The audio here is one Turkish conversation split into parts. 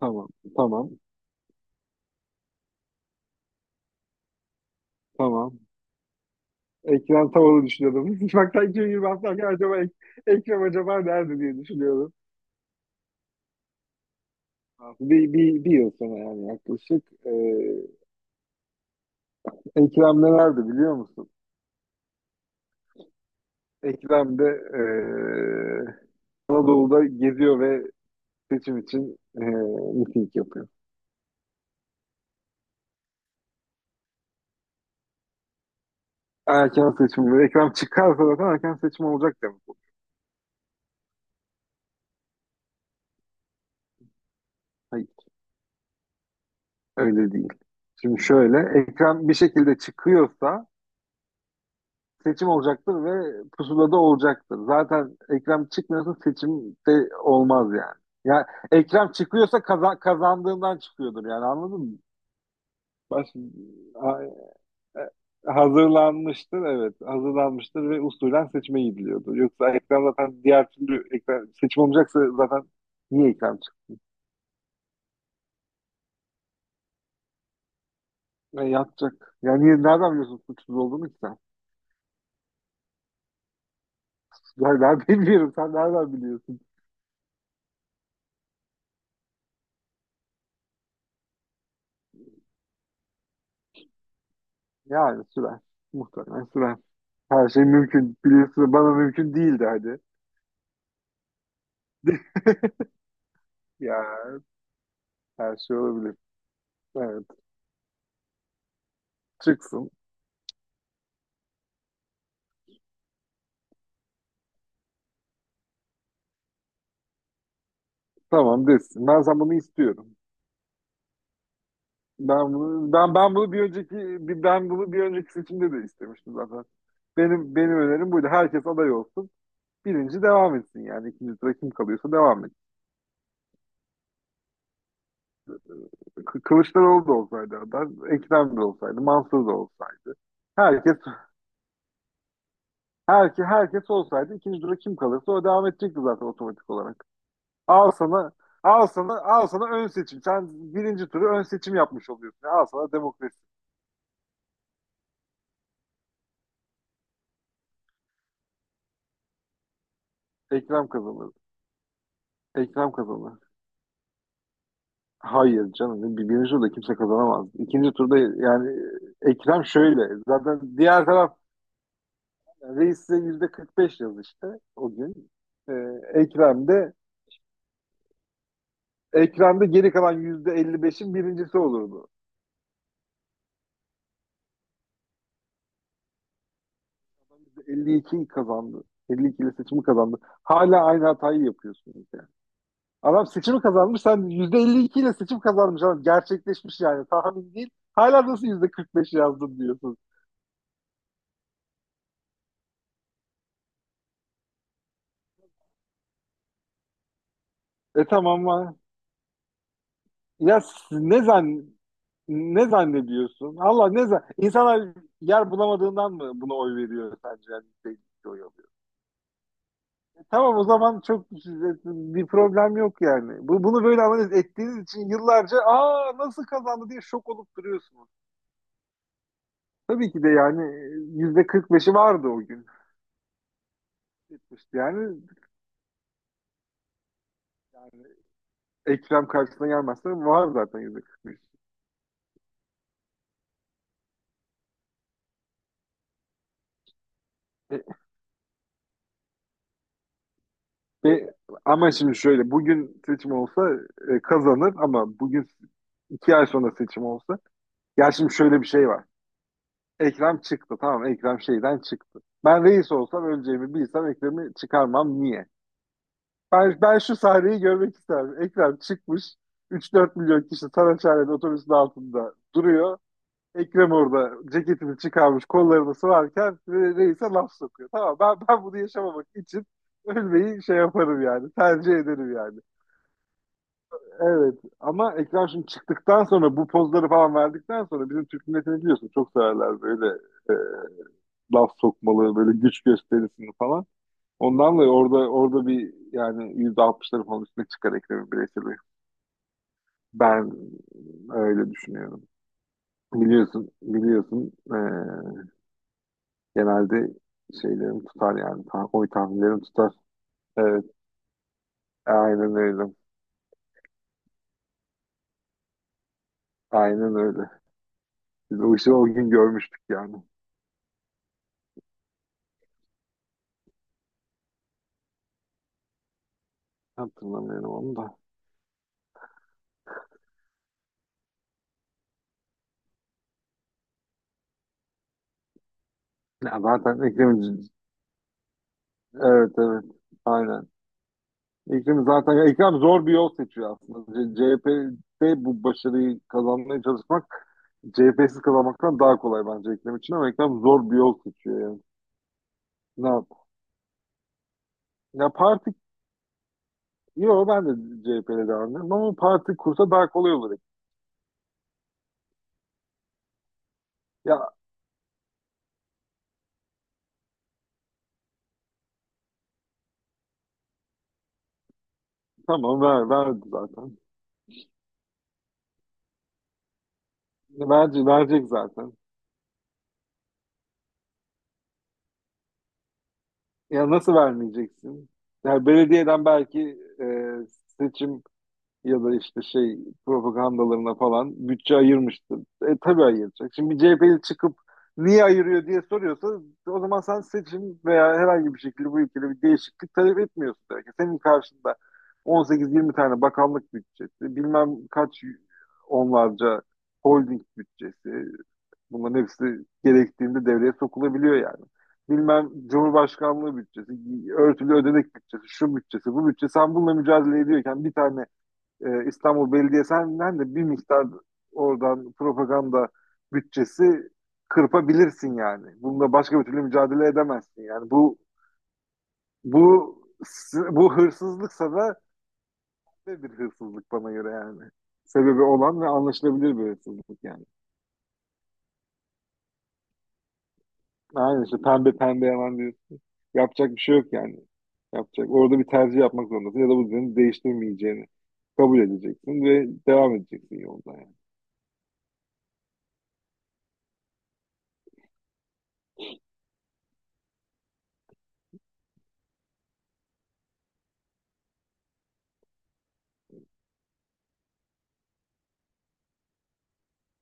Tamam, tamam, tamam. Ekrem Tavan'ı düşünüyordum. Bak sanki 20 hafta önce acaba Ekrem acaba nerede diye düşünüyordum. Bir yıl sonra yani yaklaşık. Ekrem de nerede biliyor musun? Ekrem de ee, Anadolu'da geziyor ve seçim için miting yapıyor. Erken seçim. Ekrem çıkarsa zaten erken seçim olacak demek bu. Hayır, öyle değil. Şimdi şöyle, Ekrem bir şekilde çıkıyorsa seçim olacaktır ve pusulada olacaktır. Zaten Ekrem çıkmıyorsa seçim de olmaz yani. Ya Ekrem çıkıyorsa kazandığından çıkıyordur yani anladın mı? Baş ha- Hazırlanmıştır, evet, hazırlanmıştır ve usulen seçime gidiliyordu. Yoksa Ekrem zaten diğer türlü Ekrem seçim olmayacaksa zaten niye Ekrem çıktı? Yani yatacak. Yani niye, nereden biliyorsun suçsuz olduğunu ki sen? Ben bilmiyorum. Sen nereden biliyorsun? Yani sürer. Muhtemelen sürer. Her şey mümkün. Biliyorsun, bana mümkün değildi hadi. Ya, her şey olabilir. Evet. Çıksın. Tamam, desin. Ben sen bunu istiyorum. Ben bunu ben ben bunu bir önceki Ben bunu bir önceki seçimde de istemiştim zaten. Benim önerim buydu. Herkes aday olsun. Birinci devam etsin yani. İkinci sıra kim kalıyorsa devam etsin. Kılıçdaroğlu da olsaydı aday, Ekrem de olsaydı, Mansur da olsaydı. Herkes herkes olsaydı ikinci tura kim kalırsa o devam edecekti zaten otomatik olarak. Al sana, al sana, al sana ön seçim. Sen birinci turu ön seçim yapmış oluyorsun. Al sana demokrasi. Ekrem kazanır. Ekrem kazanır. Hayır, canım. Birinci turda kimse kazanamaz. İkinci turda yani Ekrem şöyle. Zaten diğer taraf yani reis size yüzde 45 yaz işte o gün. Ee, Ekrem de Ekrem de geri kalan yüzde 55'in birincisi olurdu. 52 kazandı. 52 ile seçimi kazandı. Hala aynı hatayı yapıyorsunuz yani. Adam seçimi kazanmış. Sen %52 ile seçim kazanmış. Adam gerçekleşmiş yani. Tahmin değil. Hala nasıl %45 yazdın diyorsun. E tamam ama ya s- ne zan ne zannediyorsun? Allah ne zan İnsanlar yer bulamadığından mı buna oy veriyor sence? Yani %52 oy alıyor. E tamam, o zaman çok bir problem yok yani. Bunu böyle analiz ettiğiniz için yıllarca aa nasıl kazandı diye şok olup duruyorsunuz. Tabii ki de yani %45'i vardı o gün. Yetmişti yani. Yani Ekrem karşısına gelmezse var zaten %45. E, e, ama şimdi şöyle, bugün seçim olsa kazanır ama bugün 2 ay sonra seçim olsa, ya şimdi şöyle bir şey var. Ekrem çıktı, tamam, Ekrem şeyden çıktı. Ben reis olsam, öleceğimi bilsem, Ekrem'i çıkarmam, niye? Ben şu sahneyi görmek isterim. Ekrem çıkmış, 3-4 milyon kişi Saraçhane'nin otobüsün altında duruyor. Ekrem orada ceketini çıkarmış, kollarını sıvarken reise laf sokuyor. Tamam, ben bunu yaşamamak için ölmeyi şey yaparım yani. Tercih ederim yani. Evet ama Ekrem şimdi çıktıktan sonra, bu pozları falan verdikten sonra, bizim Türk milletini biliyorsun, çok severler böyle laf sokmalı, böyle güç gösterisini falan. Ondan dolayı orada bir yani %60'ları falan üstüne çıkar Ekrem'in bireyseli. Ben öyle düşünüyorum. Biliyorsun, biliyorsun. Genelde şeylerim tutar yani. Oy tahminlerim tutar. Evet. Aynen öyle. Aynen öyle. Biz o işi o gün görmüştük yani. Hatırlamıyorum onu da. Ya zaten Ekrem, evet, evet. Aynen. Ekrem zaten ya Ekrem zor bir yol seçiyor aslında. CHP'de bu başarıyı kazanmaya çalışmak CHP'siz kazanmaktan daha kolay bence Ekrem için ama Ekrem zor bir yol seçiyor yani. Ne yap? Ya parti Yo, ben de CHP'yle devam ederim ama parti kursa daha kolay olur. Ya, tamam, verdi zaten. Verecek, verecek zaten. Ya, nasıl vermeyeceksin? Yani belediyeden belki seçim ya da işte şey propagandalarına falan bütçe ayırmıştı. E tabii ayıracak. Şimdi bir CHP'li çıkıp niye ayırıyor diye soruyorsa, o zaman sen seçim veya herhangi bir şekilde bu ülkede bir değişiklik talep etmiyorsun demek ki. Senin karşında 18-20 tane bakanlık bütçesi, bilmem kaç onlarca holding bütçesi, bunların hepsi gerektiğinde devreye sokulabiliyor yani. Bilmem, Cumhurbaşkanlığı bütçesi, örtülü ödenek bütçesi, şu bütçesi, bu bütçe. Sen bununla mücadele ediyorken bir tane İstanbul Belediyesi'nden de bir miktar oradan propaganda bütçesi kırpabilirsin yani. Bununla başka bir türlü mücadele edemezsin yani. Bu bu hırsızlıksa da bir hırsızlık bana göre yani. Sebebi olan ve anlaşılabilir bir hırsızlık yani. Aynen işte, pembe pembe hemen diyorsun. Yapacak bir şey yok yani. Yapacak. Orada bir tercih yapmak zorundasın ya da bu düzeni değiştirmeyeceğini kabul edeceksin ve devam edeceksin yolda yani.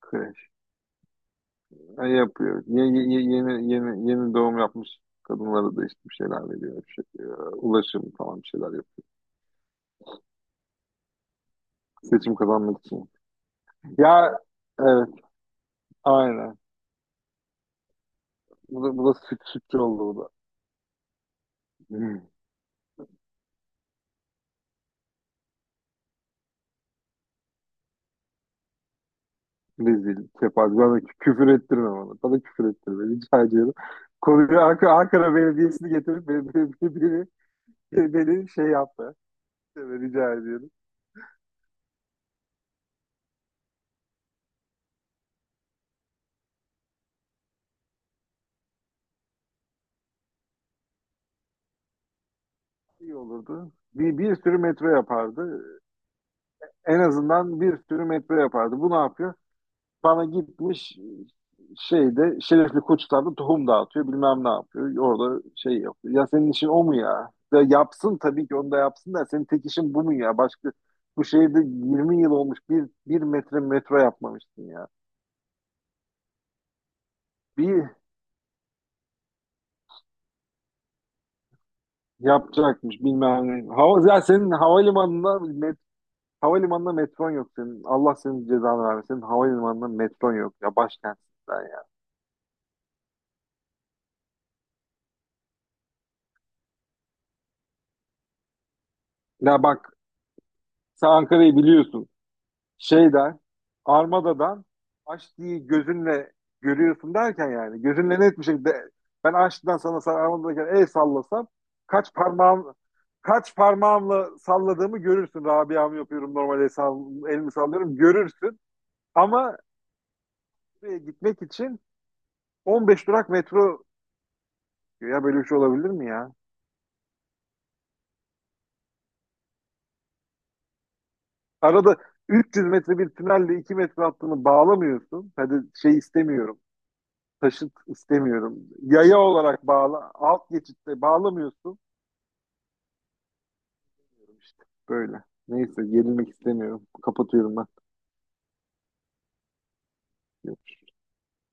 Kreş. Ya yapıyor. Yeni doğum yapmış kadınlara da işte bir şeyler veriyor. Ulaşım falan bir şeyler yapıyor. Seçim kazanmak için. Ya, evet, aynen. Bu da sütçü oldu bu da. Hmm. Rezil, kepaze. Bana küfür ettirme bana. Bana küfür ettirme. Rica ediyorum. Konuyu Ankara Belediyesi'ni getirip beni şey yaptı. Evet, rica ediyorum. İyi olurdu. Bir sürü metro yapardı. En azından bir sürü metro yapardı. Bu ne yapıyor? Bana gitmiş şeyde Şerefli Koçlar'da tohum dağıtıyor, bilmem ne yapıyor. Orada şey yapıyor. Ya senin işin o mu, ya? Ya yapsın, tabii ki onu da yapsın da senin tek işin bu mu, ya? Başka bu şehirde 20 yıl olmuş, bir metre metro yapmamışsın ya. Bir yapacakmış bilmem ne. Ya senin havalimanında metron yok senin. Allah senin cezanı vermesin. Senin havalimanında metron yok ya, başkentsin sen ya. Ya bak, sen Ankara'yı biliyorsun. şeyden, Armada'dan Aşti'yi gözünle görüyorsun derken yani gözünle net bir şekilde, ben Aşti'den sana, sen Armada'dayken el sallasam kaç parmağım kaç parmağımla salladığımı görürsün. Rabia'mı yapıyorum, normal el elimi sallıyorum görürsün ama gitmek için 15 durak metro, ya böyle bir şey olabilir mi ya? Arada 300 metre bir tünelle 2 metre hattını bağlamıyorsun. Hadi şey istemiyorum. Taşıt istemiyorum. Yaya olarak bağla. Alt geçitte bağlamıyorsun. İşte böyle. Neyse, gerilmek istemiyorum. Kapatıyorum ben.